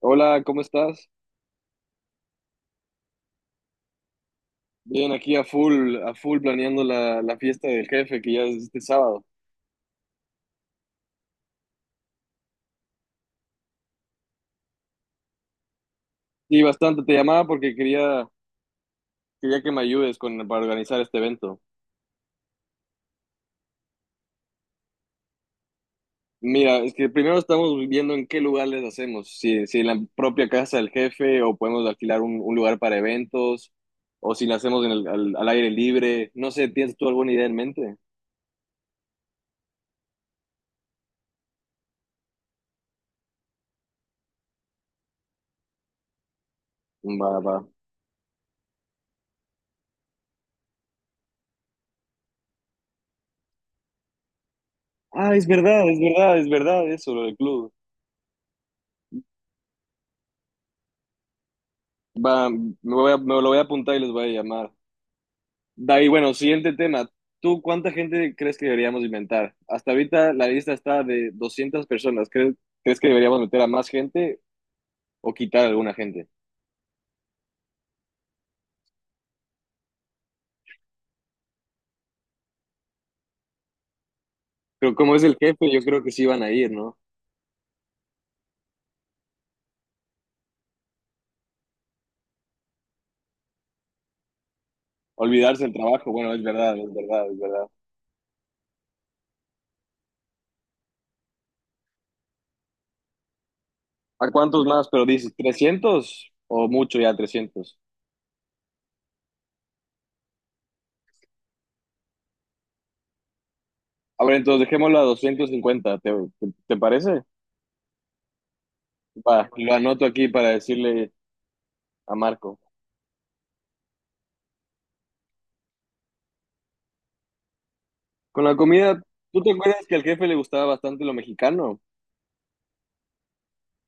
Hola, ¿cómo estás? Bien, aquí a full planeando la fiesta del jefe que ya es este sábado. Sí, bastante. Te llamaba porque quería que me ayudes con, para organizar este evento. Mira, es que primero estamos viendo en qué lugares hacemos, si en la propia casa del jefe o podemos alquilar un lugar para eventos o si lo hacemos en el, al aire libre. No sé, ¿tienes tú alguna idea en mente? Va, va. Ah, es verdad, es verdad, es verdad eso, lo del club. Va, me lo voy a apuntar y les voy a llamar. David, bueno, siguiente tema. ¿Tú cuánta gente crees que deberíamos inventar? Hasta ahorita la lista está de 200 personas. ¿Crees, crees que deberíamos meter a más gente o quitar a alguna gente? Pero como es el jefe, yo creo que sí van a ir, ¿no? Olvidarse el trabajo. Bueno, es verdad, es verdad, es verdad. ¿A cuántos más? Pero dices, trescientos o mucho ya trescientos. A ver, entonces dejémoslo a 250, ¿te, te, te parece? Va, lo anoto aquí para decirle a Marco. Con la comida, ¿tú te acuerdas que al jefe le gustaba bastante lo mexicano?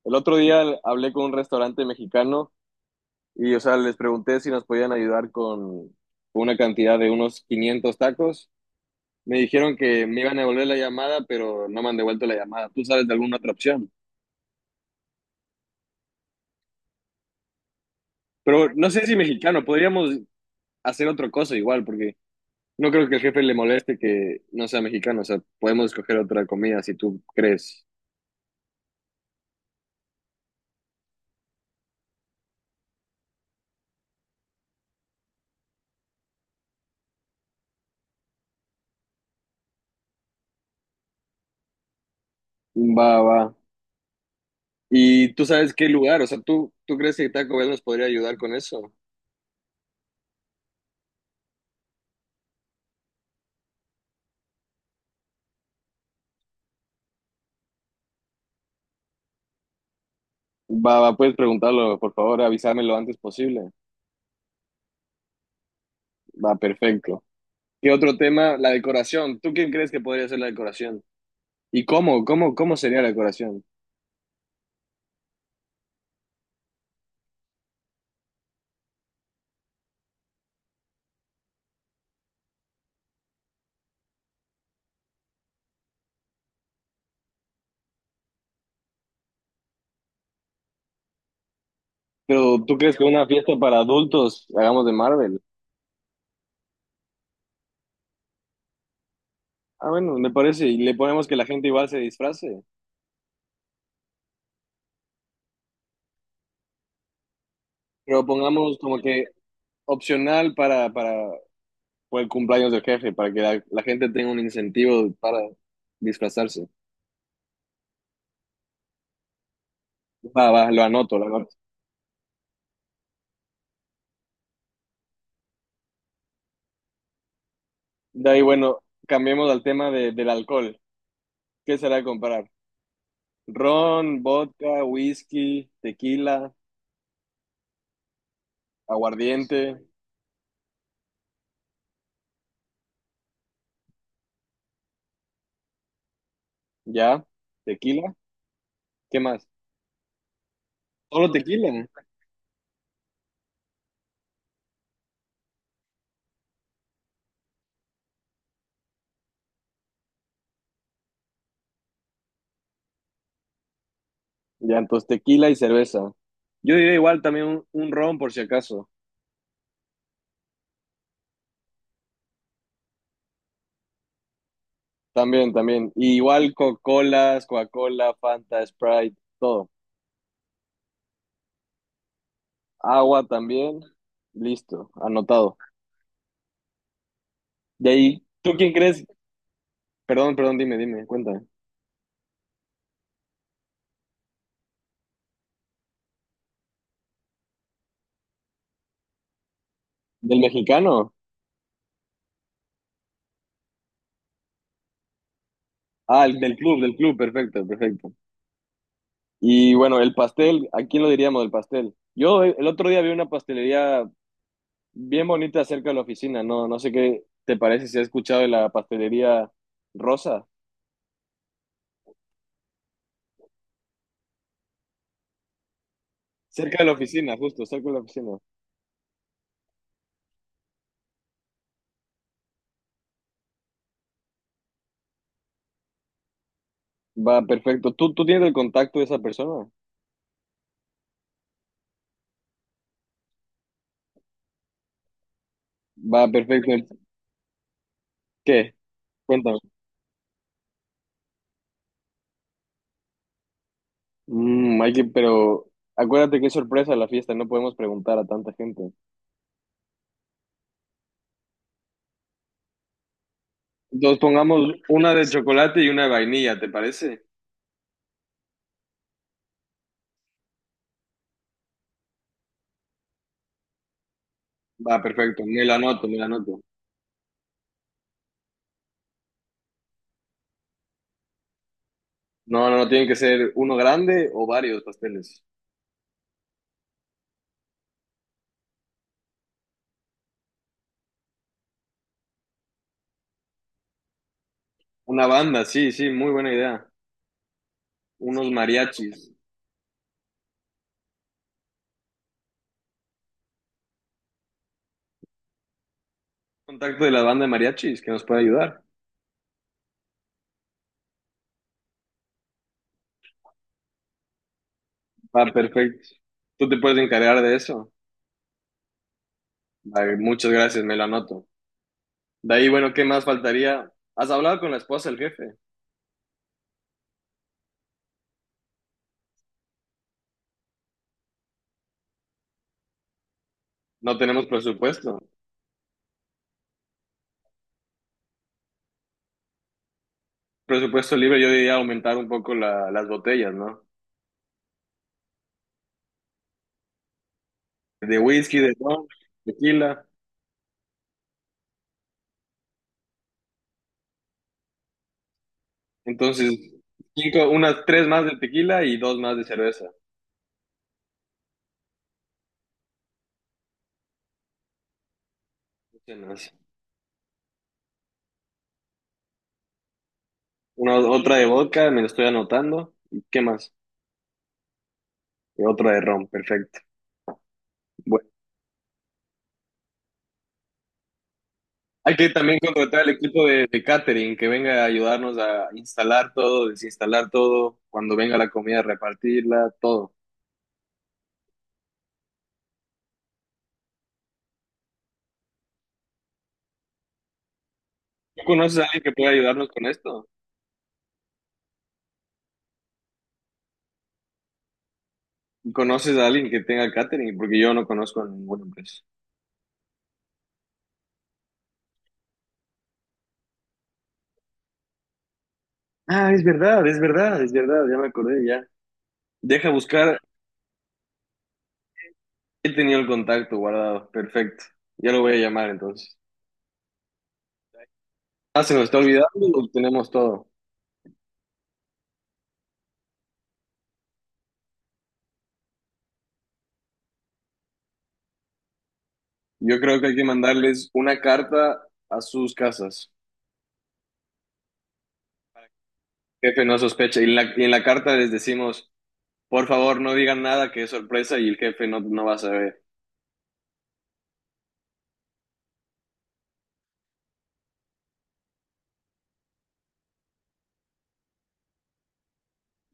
El otro día hablé con un restaurante mexicano y, o sea, les pregunté si nos podían ayudar con una cantidad de unos 500 tacos. Me dijeron que me iban a devolver la llamada, pero no me han devuelto la llamada. ¿Tú sabes de alguna otra opción? Pero no sé si mexicano, podríamos hacer otra cosa igual, porque no creo que el jefe le moleste que no sea mexicano. O sea, podemos escoger otra comida si tú crees. Va, va. ¿Y tú sabes qué lugar? O sea, tú crees que Taco Bell nos podría ayudar con eso? Va, va, puedes preguntarlo, por favor, avísame lo antes posible. Va, perfecto. ¿Qué otro tema? La decoración. ¿Tú quién crees que podría ser la decoración? ¿Y cómo? Cómo sería la decoración? Pero ¿tú crees que una fiesta para adultos hagamos de Marvel? Ah, bueno, me parece. Y le ponemos que la gente igual se disfrace. Pero pongamos como que opcional para, por el cumpleaños del jefe, para que la gente tenga un incentivo para disfrazarse. Va, va, lo anoto, lo anoto. De ahí, bueno, cambiemos al del alcohol. ¿Qué será comprar? Ron, vodka, whisky, tequila, aguardiente, ya, tequila, ¿qué más? Solo tequila. Ya, entonces tequila y cerveza. Yo diría igual también un ron por si acaso. También, también. Y igual Coca-Colas, Coca-Cola, Fanta, Sprite, todo. Agua también. Listo, anotado. De ahí, ¿tú quién crees? Perdón, perdón, dime, dime, cuéntame. ¿Del mexicano? Ah, el del club, perfecto, perfecto. Y bueno, el pastel, ¿a quién lo diríamos del pastel? Yo el otro día vi una pastelería bien bonita cerca de la oficina, no, no sé qué te parece si has escuchado de la pastelería Rosa, cerca de la oficina, justo, cerca de la oficina. Va, perfecto. Tú tienes el contacto de esa persona? Va, perfecto. ¿Qué? Cuéntame. Mm, hay que, pero acuérdate que es sorpresa la fiesta, no podemos preguntar a tanta gente. Entonces pongamos una de chocolate y una de vainilla, ¿te parece? Va, perfecto, me la anoto, me la anoto. No, no, no, tienen que ser uno grande o varios pasteles. Una banda, sí, sí, muy buena idea. Unos sí, mariachis. Contacto de la banda de mariachis que nos puede ayudar. Va, perfecto. Tú te puedes encargar de eso. Va, muchas gracias, me lo anoto. De ahí, bueno, ¿qué más faltaría? ¿Has hablado con la esposa del jefe? No tenemos presupuesto. Presupuesto libre, yo diría aumentar un poco las botellas, ¿no? De whisky, de ron, tequila. Entonces, cinco, unas tres más de tequila y dos más de cerveza. No sé, no. Una, otra de vodka, me lo estoy anotando. ¿Y qué más? Y otra de ron, perfecto. Bueno, hay que también contratar al equipo de catering que venga a ayudarnos a instalar todo, desinstalar todo, cuando venga la comida, repartirla, todo. ¿Tú conoces a alguien que pueda ayudarnos con esto? ¿Conoces a alguien que tenga catering? Porque yo no conozco a ninguna empresa. Ah, es verdad, es verdad, es verdad, ya me acordé, ya. Deja buscar, he tenido el contacto guardado, perfecto. Ya lo voy a llamar entonces. Ah, se nos está olvidando, tenemos todo. Yo creo que hay que mandarles una carta a sus casas. Jefe no sospecha. Y en la carta les decimos, por favor, no digan nada, que es sorpresa y el jefe no, no va a saber.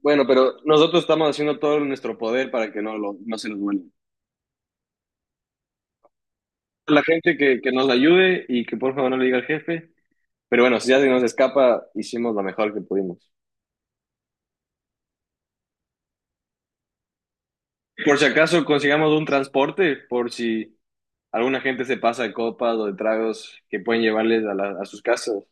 Bueno, pero nosotros estamos haciendo todo en nuestro poder para que no, lo, no se nos vuelva. La gente que nos ayude y que por favor no le diga al jefe. Pero bueno, si ya se nos escapa, hicimos lo mejor que pudimos. Por si acaso consigamos un transporte, por si alguna gente se pasa de copas o de tragos que pueden llevarles a, a sus casas.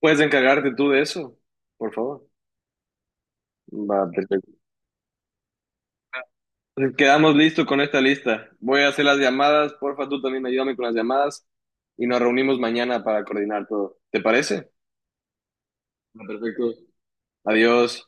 Puedes encargarte tú de eso, por favor. Va, perfecto. Entonces, quedamos listos con esta lista. Voy a hacer las llamadas. Porfa, tú también ayúdame con las llamadas y nos reunimos mañana para coordinar todo. ¿Te parece? Va, perfecto. Adiós.